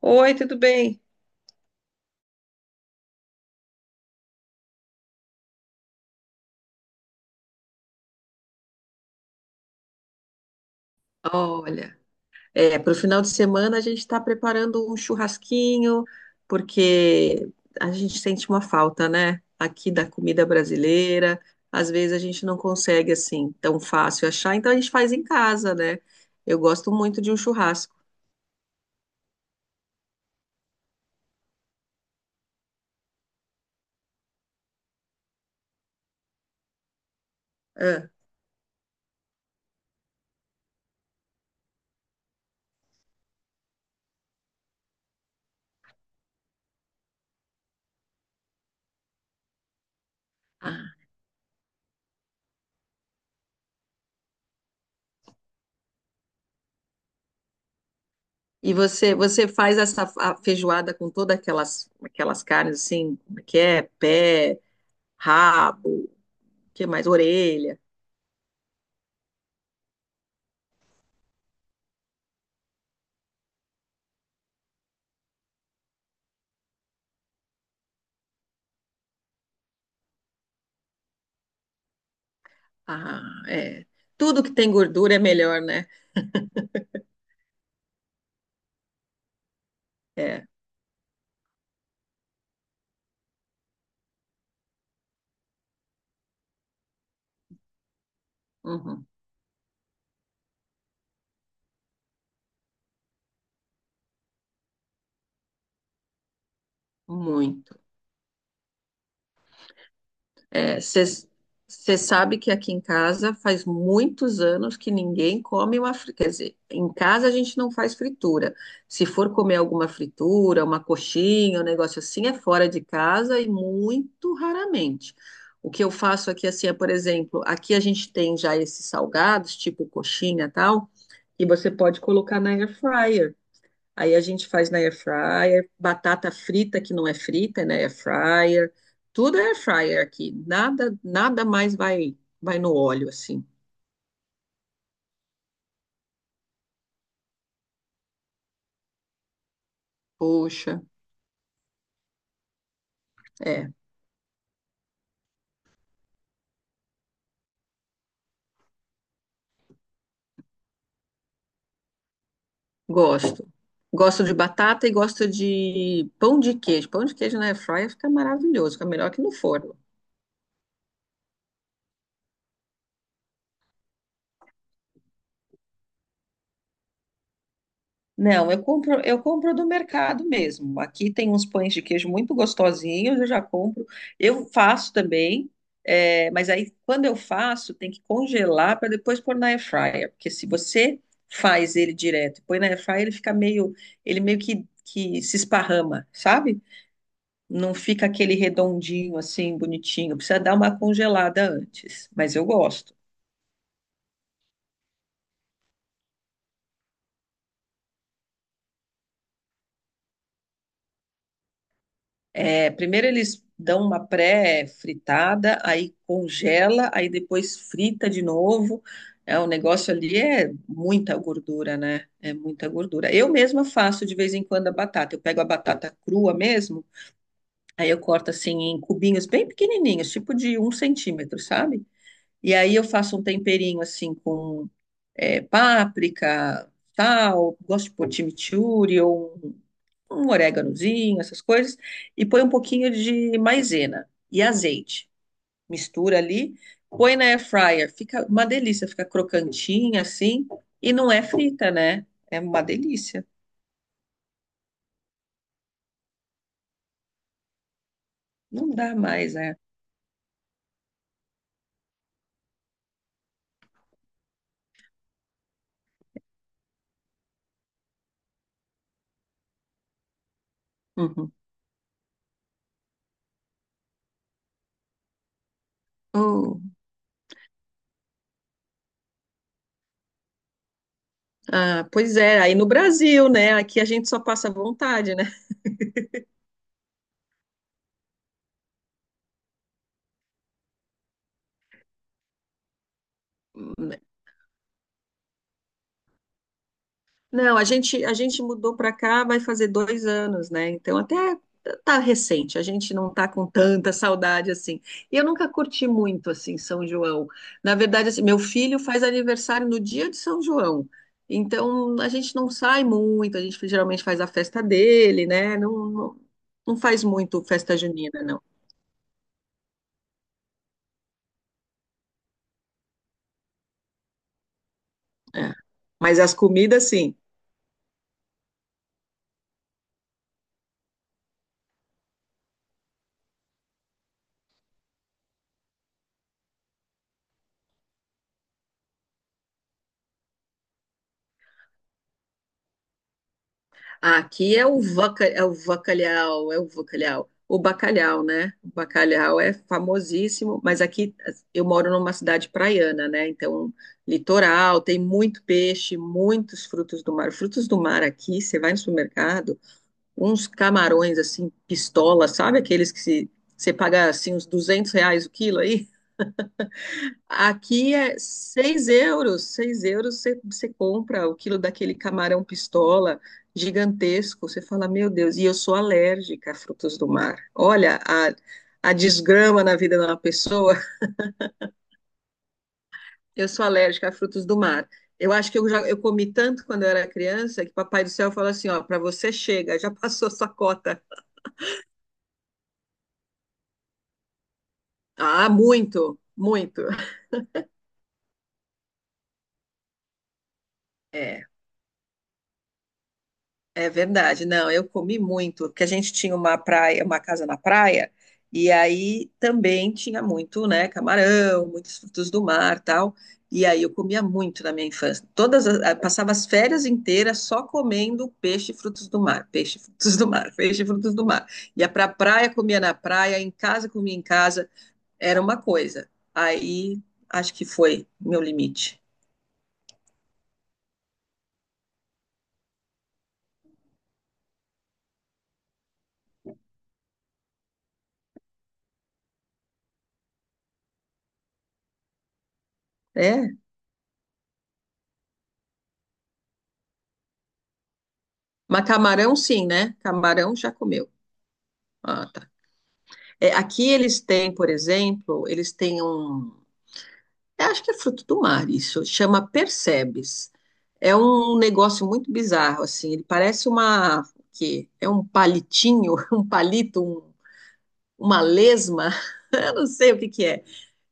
Oi, tudo bem? Olha, para o final de semana a gente está preparando um churrasquinho, porque a gente sente uma falta, né? Aqui da comida brasileira. Às vezes a gente não consegue assim tão fácil achar, então a gente faz em casa, né? Eu gosto muito de um churrasco. Ah, ah. E você, você faz essa a feijoada com todas aquelas carnes assim, como é que é pé, rabo, que mais, orelha. Ah, é. Tudo que tem gordura é melhor, né? É, uhum, muito. Você sabe que aqui em casa faz muitos anos que ninguém come uma fritura. Quer dizer, em casa a gente não faz fritura. Se for comer alguma fritura, uma coxinha, um negócio assim, é fora de casa e muito raramente. O que eu faço aqui, assim, por exemplo, aqui a gente tem já esses salgados, tipo coxinha e tal, que você pode colocar na air fryer. Aí a gente faz na air fryer, batata frita que não é frita, é na air fryer. Tudo é air fryer aqui. Nada, nada mais vai no óleo assim. Poxa, é, gosto. Gosto de batata e gosto de pão de queijo. Pão de queijo na air fryer fica maravilhoso, fica melhor que no forno. Não, eu compro do mercado mesmo. Aqui tem uns pães de queijo muito gostosinhos, eu já compro. Eu faço também, mas aí quando eu faço, tem que congelar para depois pôr na air fryer, porque se você faz ele direto e põe na air fryer, ele fica meio, ele meio que se esparrama, sabe? Não fica aquele redondinho assim, bonitinho. Precisa dar uma congelada antes, mas eu gosto. É, primeiro eles dão uma pré-fritada, aí congela, aí depois frita de novo. É, o negócio ali é muita gordura, né? É muita gordura. Eu mesma faço de vez em quando a batata. Eu pego a batata crua mesmo, aí eu corto assim em cubinhos bem pequenininhos, tipo de um centímetro, sabe? E aí eu faço um temperinho assim com páprica, sal, gosto de pôr chimichurri ou um oréganozinho, essas coisas, e põe um pouquinho de maisena e azeite. Mistura ali, põe na air fryer, fica uma delícia, fica crocantinha assim, e não é frita, né? É uma delícia. Não dá mais, né? Uhum. Hum. Ah, pois é, aí no Brasil, né? Aqui a gente só passa vontade, né? Não, a gente mudou para cá, vai fazer 2 anos, né? Então, até tá recente, a gente não tá com tanta saudade assim. E eu nunca curti muito, assim, São João. Na verdade, assim, meu filho faz aniversário no dia de São João. Então, a gente não sai muito, a gente geralmente faz a festa dele, né? Não, não, não faz muito festa junina, não. É. Mas as comidas, sim. Aqui é o vaca, é o bacalhau. O bacalhau, né? O bacalhau é famosíssimo, mas aqui eu moro numa cidade praiana, né? Então, litoral, tem muito peixe, muitos frutos do mar. Frutos do mar aqui, você vai no supermercado, uns camarões assim, pistola, sabe aqueles que se, você paga assim uns R$ 200 o quilo aí? Aqui é 6 euros. 6 euros você, você compra o quilo daquele camarão pistola gigantesco. Você fala, meu Deus, e eu sou alérgica a frutos do mar. Olha a desgrama na vida de uma pessoa. Eu sou alérgica a frutos do mar. Eu acho que eu já eu comi tanto quando eu era criança que Papai do Céu falou assim: ó, para você chega, já passou sua cota. Ah, muito, muito. É. É verdade, não, eu comi muito, porque a gente tinha uma praia, uma casa na praia, e aí também tinha muito, né, camarão, muitos frutos do mar, tal, e aí eu comia muito na minha infância. Todas as- ah, passava as férias inteiras só comendo peixe e frutos do mar, peixe e frutos do mar, peixe e frutos do mar. Ia pra praia, comia na praia, em casa comia em casa, era uma coisa. Aí acho que foi meu limite. É, mas camarão sim, né? Camarão já comeu. Ah, é, aqui eles têm, por exemplo, eles têm um. Eu Acho que é fruto do mar, isso. Chama Percebes. É um negócio muito bizarro, assim. Ele parece uma. O quê? É um palitinho, um palito, um- uma lesma. Eu não sei o que que é.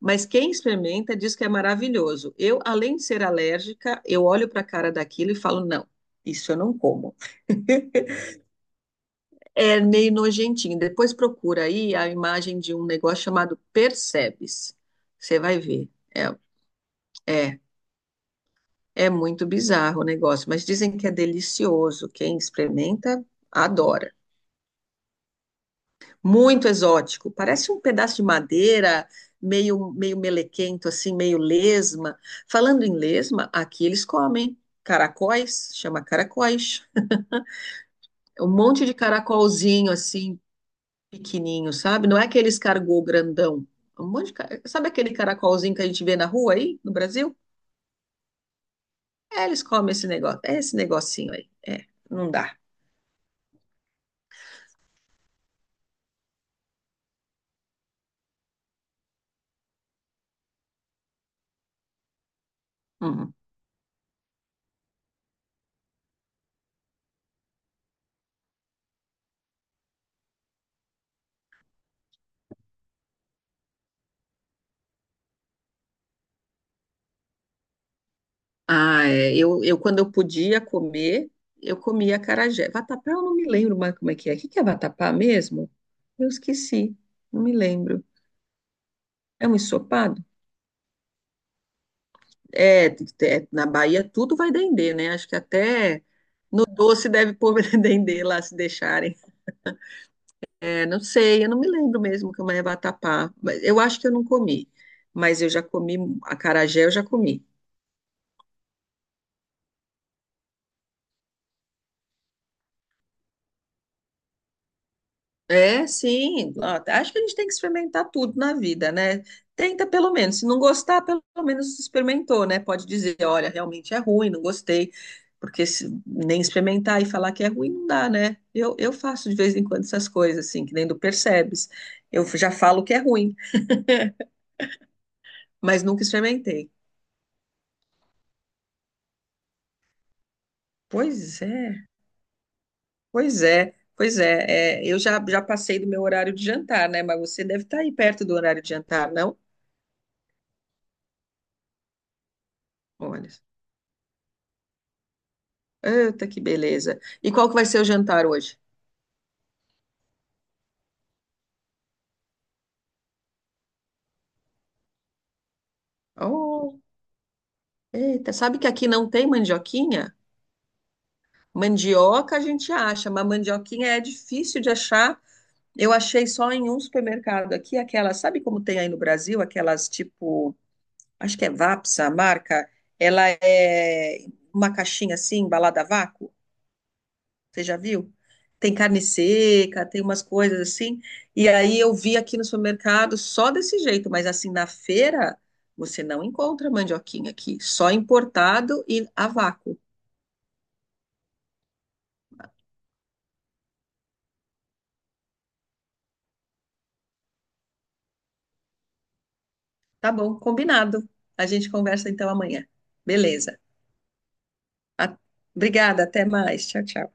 Mas quem experimenta diz que é maravilhoso. Eu, além de ser alérgica, eu olho para a cara daquilo e falo, não, isso eu não como. É meio nojentinho. Depois procura aí a imagem de um negócio chamado Percebes. Você vai ver. É, é, é muito bizarro o negócio, mas dizem que é delicioso. Quem experimenta, adora. Muito exótico. Parece um pedaço de madeira, meio, meio melequento, assim, meio lesma. Falando em lesma, aqui eles comem caracóis, chama caracóis. Um monte de caracolzinho, assim, pequenininho, sabe? Não é aquele escargot grandão. Um monte de... ca- Sabe aquele caracolzinho que a gente vê na rua aí, no Brasil? É, eles comem esse negócio, é esse negocinho aí. É, não dá. Uhum. Ah, é, eu quando eu podia comer, eu comia acarajé. Vatapá eu não me lembro mais como é que é. O que que é vatapá mesmo? Eu esqueci, não me lembro. É um ensopado? Na Bahia tudo vai dendê, né? Acho que até no doce deve pôr dendê lá se deixarem. É, não sei, eu não me lembro mesmo que é uma vatapá. Mas eu acho que eu não comi, mas eu já comi acarajé, eu já comi. É, sim. Ó, acho que a gente tem que experimentar tudo na vida, né? Tenta pelo menos. Se não gostar, pelo menos experimentou, né? Pode dizer, olha, realmente é ruim, não gostei. Porque se nem experimentar e falar que é ruim não dá, né? Eu faço de vez em quando essas coisas, assim, que nem do percebes. Eu já falo que é ruim, mas nunca experimentei. Pois é. Eu já, já passei do meu horário de jantar, né? Mas você deve estar aí perto do horário de jantar, não? Olha, eita, que beleza. E qual que vai ser o jantar hoje? Oh, eita, sabe que aqui não tem mandioquinha? Mandioca a gente acha, mas mandioquinha é difícil de achar. Eu achei só em um supermercado aqui, aquelas. Sabe como tem aí no Brasil, aquelas tipo, acho que é Vapsa, a marca, ela é uma caixinha assim, embalada a vácuo? Você já viu? Tem carne seca, tem umas coisas assim. E aí eu vi aqui no supermercado só desse jeito, mas assim na feira você não encontra mandioquinha aqui, só importado e a vácuo. Tá bom, combinado. A gente conversa então amanhã. Beleza. A- Obrigada, até mais. Tchau, tchau.